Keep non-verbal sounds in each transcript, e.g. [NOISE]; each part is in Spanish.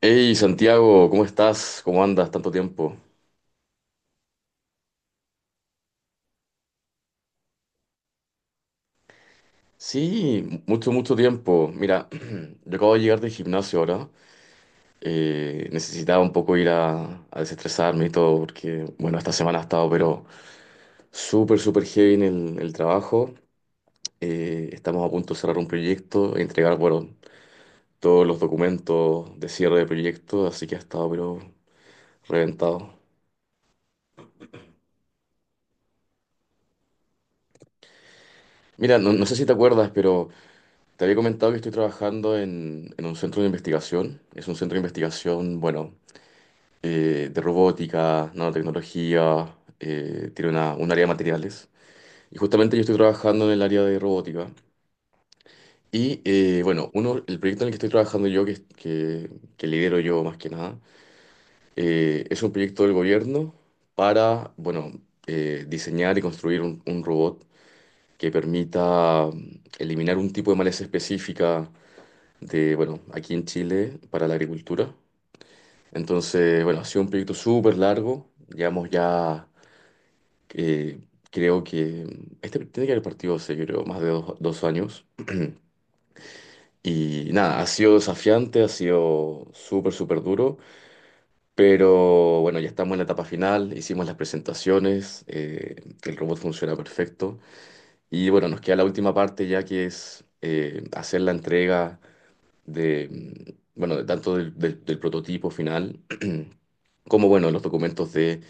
Hey Santiago, ¿cómo estás? ¿Cómo andas? Tanto tiempo. Sí, mucho, mucho tiempo. Mira, [CLEARS THROAT] yo acabo de llegar del gimnasio ahora. Necesitaba un poco ir a desestresarme y todo, porque, bueno, esta semana ha estado, pero súper, súper heavy en el trabajo. Estamos a punto de cerrar un proyecto e entregar, bueno, todos los documentos de cierre de proyecto, así que ha estado, pero reventado. Mira, no sé si te acuerdas, pero te había comentado que estoy trabajando en un centro de investigación. Es un centro de investigación, bueno, de robótica, nanotecnología, tiene una, un área de materiales. Y justamente yo estoy trabajando en el área de robótica. Y bueno, uno, el proyecto en el que estoy trabajando yo, que lidero yo más que nada, es un proyecto del gobierno para, bueno, diseñar y construir un robot que permita eliminar un tipo de maleza específica de, bueno, aquí en Chile para la agricultura. Entonces, bueno, ha sido un proyecto súper largo. Llevamos ya, eh, creo que este tiene que haber partido hace, creo, más de dos, dos años. Y nada, ha sido desafiante, ha sido súper, súper duro. Pero bueno, ya estamos en la etapa final, hicimos las presentaciones, el robot funciona perfecto. Y bueno, nos queda la última parte ya que es hacer la entrega de, bueno, de tanto del prototipo final, [CLEARS THROAT] como, bueno, los documentos de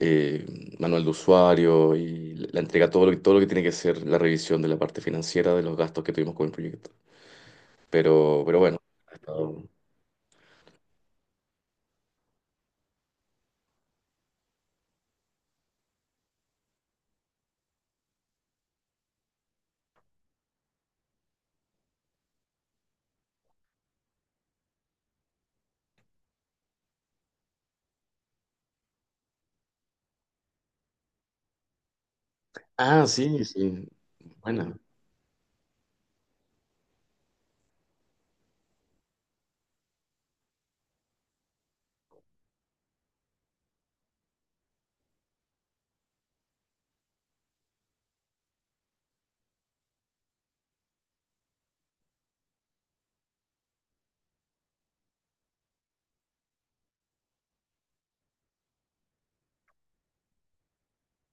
eh, manual de usuario y la entrega, todo lo que tiene que ser la revisión de la parte financiera de los gastos que tuvimos con el proyecto. Pero bueno. Ha estado... Ah, sí, sí. Bueno,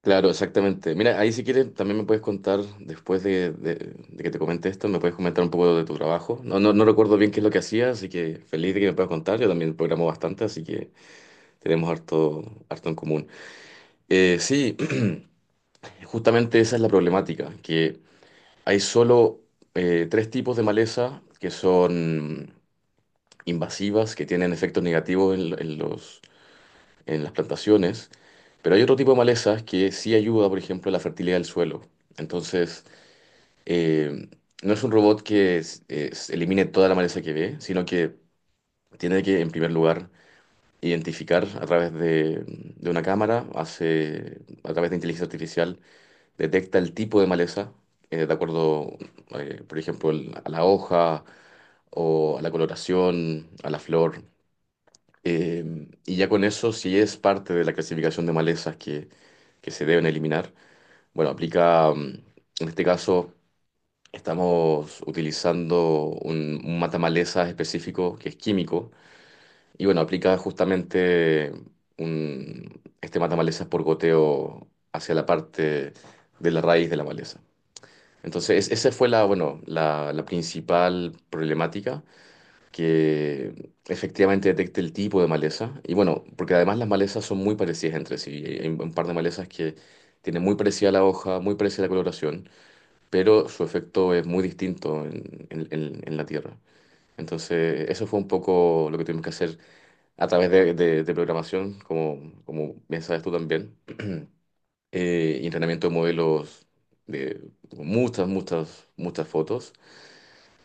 claro, exactamente. Mira, ahí si quieres también me puedes contar, después de que te comente esto, me puedes comentar un poco de tu trabajo. No, no recuerdo bien qué es lo que hacía, así que feliz de que me puedas contar. Yo también programo bastante, así que tenemos harto, harto en común. Sí, [CLEARS THROAT] justamente esa es la problemática, que hay solo tres tipos de maleza que son invasivas, que tienen efectos negativos en los, en las plantaciones, pero hay otro tipo de malezas que sí ayuda, por ejemplo, a la fertilidad del suelo. Entonces, eh, no es un robot que elimine toda la maleza que ve, sino que tiene que, en primer lugar, identificar a través de una cámara, hace, a través de inteligencia artificial, detecta el tipo de maleza, de acuerdo, por ejemplo, a la hoja o a la coloración, a la flor. Y ya con eso, si es parte de la clasificación de malezas que se deben eliminar, bueno, aplica, en este caso, estamos utilizando un matamalezas específico que es químico. Y bueno, aplica justamente un, este malezas por goteo hacia la parte de la raíz de la maleza. Entonces, esa fue la, bueno, la principal problemática, que efectivamente detecte el tipo de maleza. Y bueno, porque además las malezas son muy parecidas entre sí. Hay un par de malezas que tienen muy parecida la hoja, muy parecida la coloración, pero su efecto es muy distinto en en la tierra. Entonces, eso fue un poco lo que tuvimos que hacer a través de programación, como, como bien sabes tú también, [CLEARS THROAT] y entrenamiento de modelos de muchas, muchas, muchas fotos.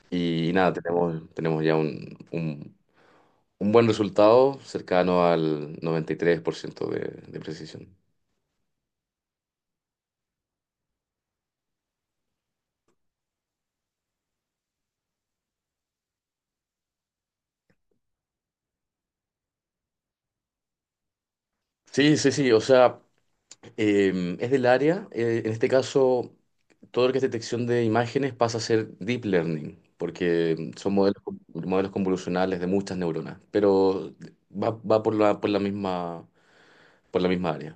Y nada, tenemos ya un buen resultado cercano al 93% de precisión. Sí, sí, sí, o sea, es del área. En este caso, todo lo que es detección de imágenes pasa a ser deep learning, porque son modelos, modelos convolucionales de muchas neuronas, pero va, va por la misma área.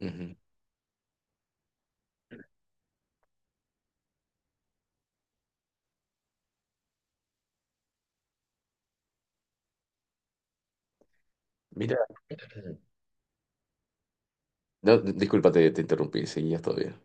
Ujú. Mira, no, disculpa, te interrumpí, seguías todavía.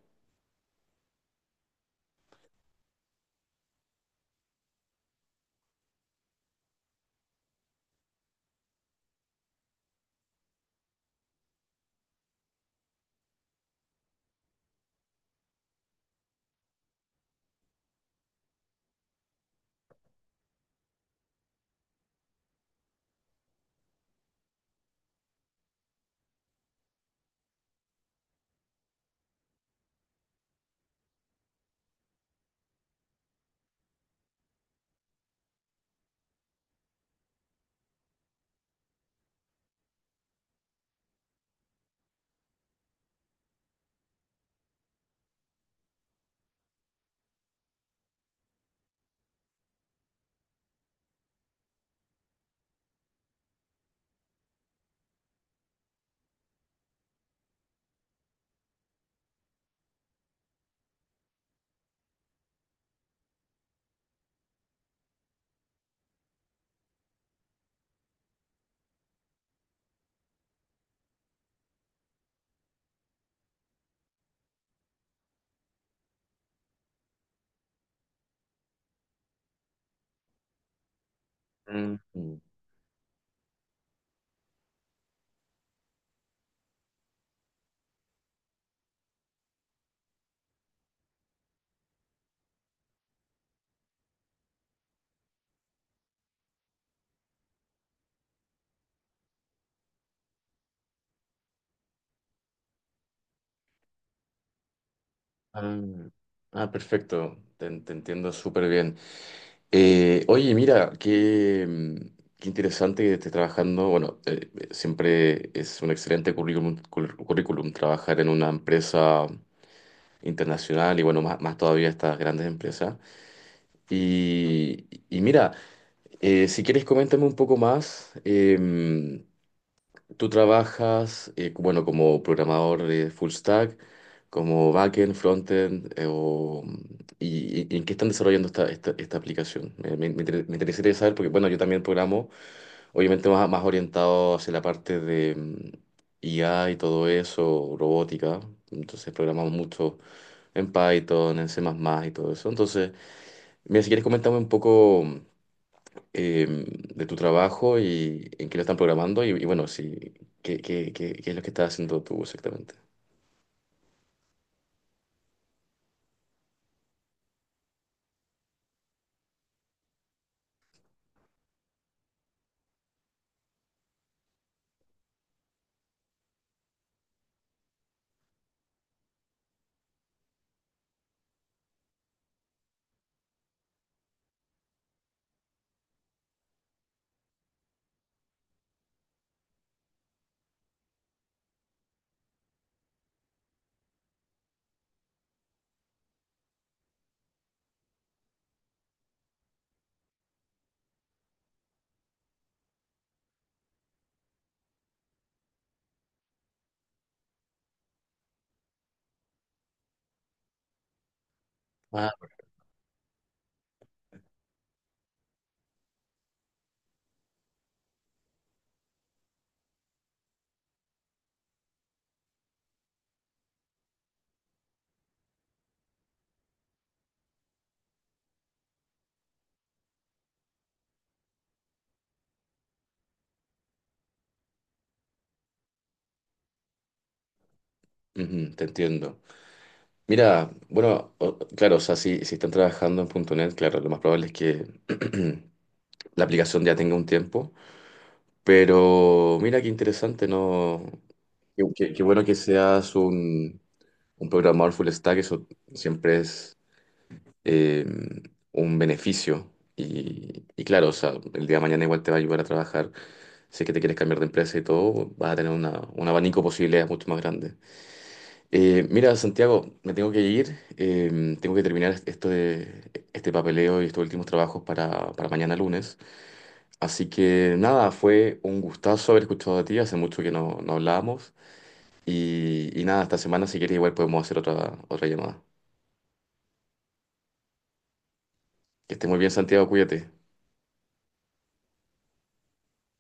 Mm. Ah, ah, perfecto, te entiendo súper bien. Oye, mira, qué, qué interesante que estés trabajando. Bueno, siempre es un excelente currículum, currículum trabajar en una empresa internacional y bueno, más, más todavía estas grandes empresas. Y mira, si quieres coméntame un poco más. Tú trabajas, bueno, como programador de full stack, como backend, frontend, y, y en qué están desarrollando esta, esta, esta aplicación. Me, me interesaría saber, porque bueno, yo también programo, obviamente más, más orientado hacia la parte de IA y todo eso, robótica. Entonces programamos mucho en Python, en C++ y todo eso. Entonces, mira, si quieres comentarme un poco eh, de tu trabajo y en qué lo están programando y bueno, sí, qué es lo que estás haciendo tú exactamente. Ah. Ujú, te entiendo. Mira, bueno, claro, o sea, si, si están trabajando en punto .NET, claro, lo más probable es que [CLEARS THROAT] la aplicación ya tenga un tiempo, pero mira qué interesante, ¿no? Qué, qué bueno que seas un programador full stack, eso siempre es eh, un beneficio. Y claro, o sea, el día de mañana igual te va a ayudar a trabajar. Si es que te quieres cambiar de empresa y todo, vas a tener un abanico de posibilidades mucho más grande. Mira, Santiago, me tengo que ir, tengo que terminar esto de, este papeleo y estos últimos trabajos para mañana lunes. Así que nada, fue un gustazo haber escuchado a ti, hace mucho que no, no hablábamos. Y nada, esta semana si quieres igual podemos hacer otra, otra llamada. Que estés muy bien, Santiago, cuídate.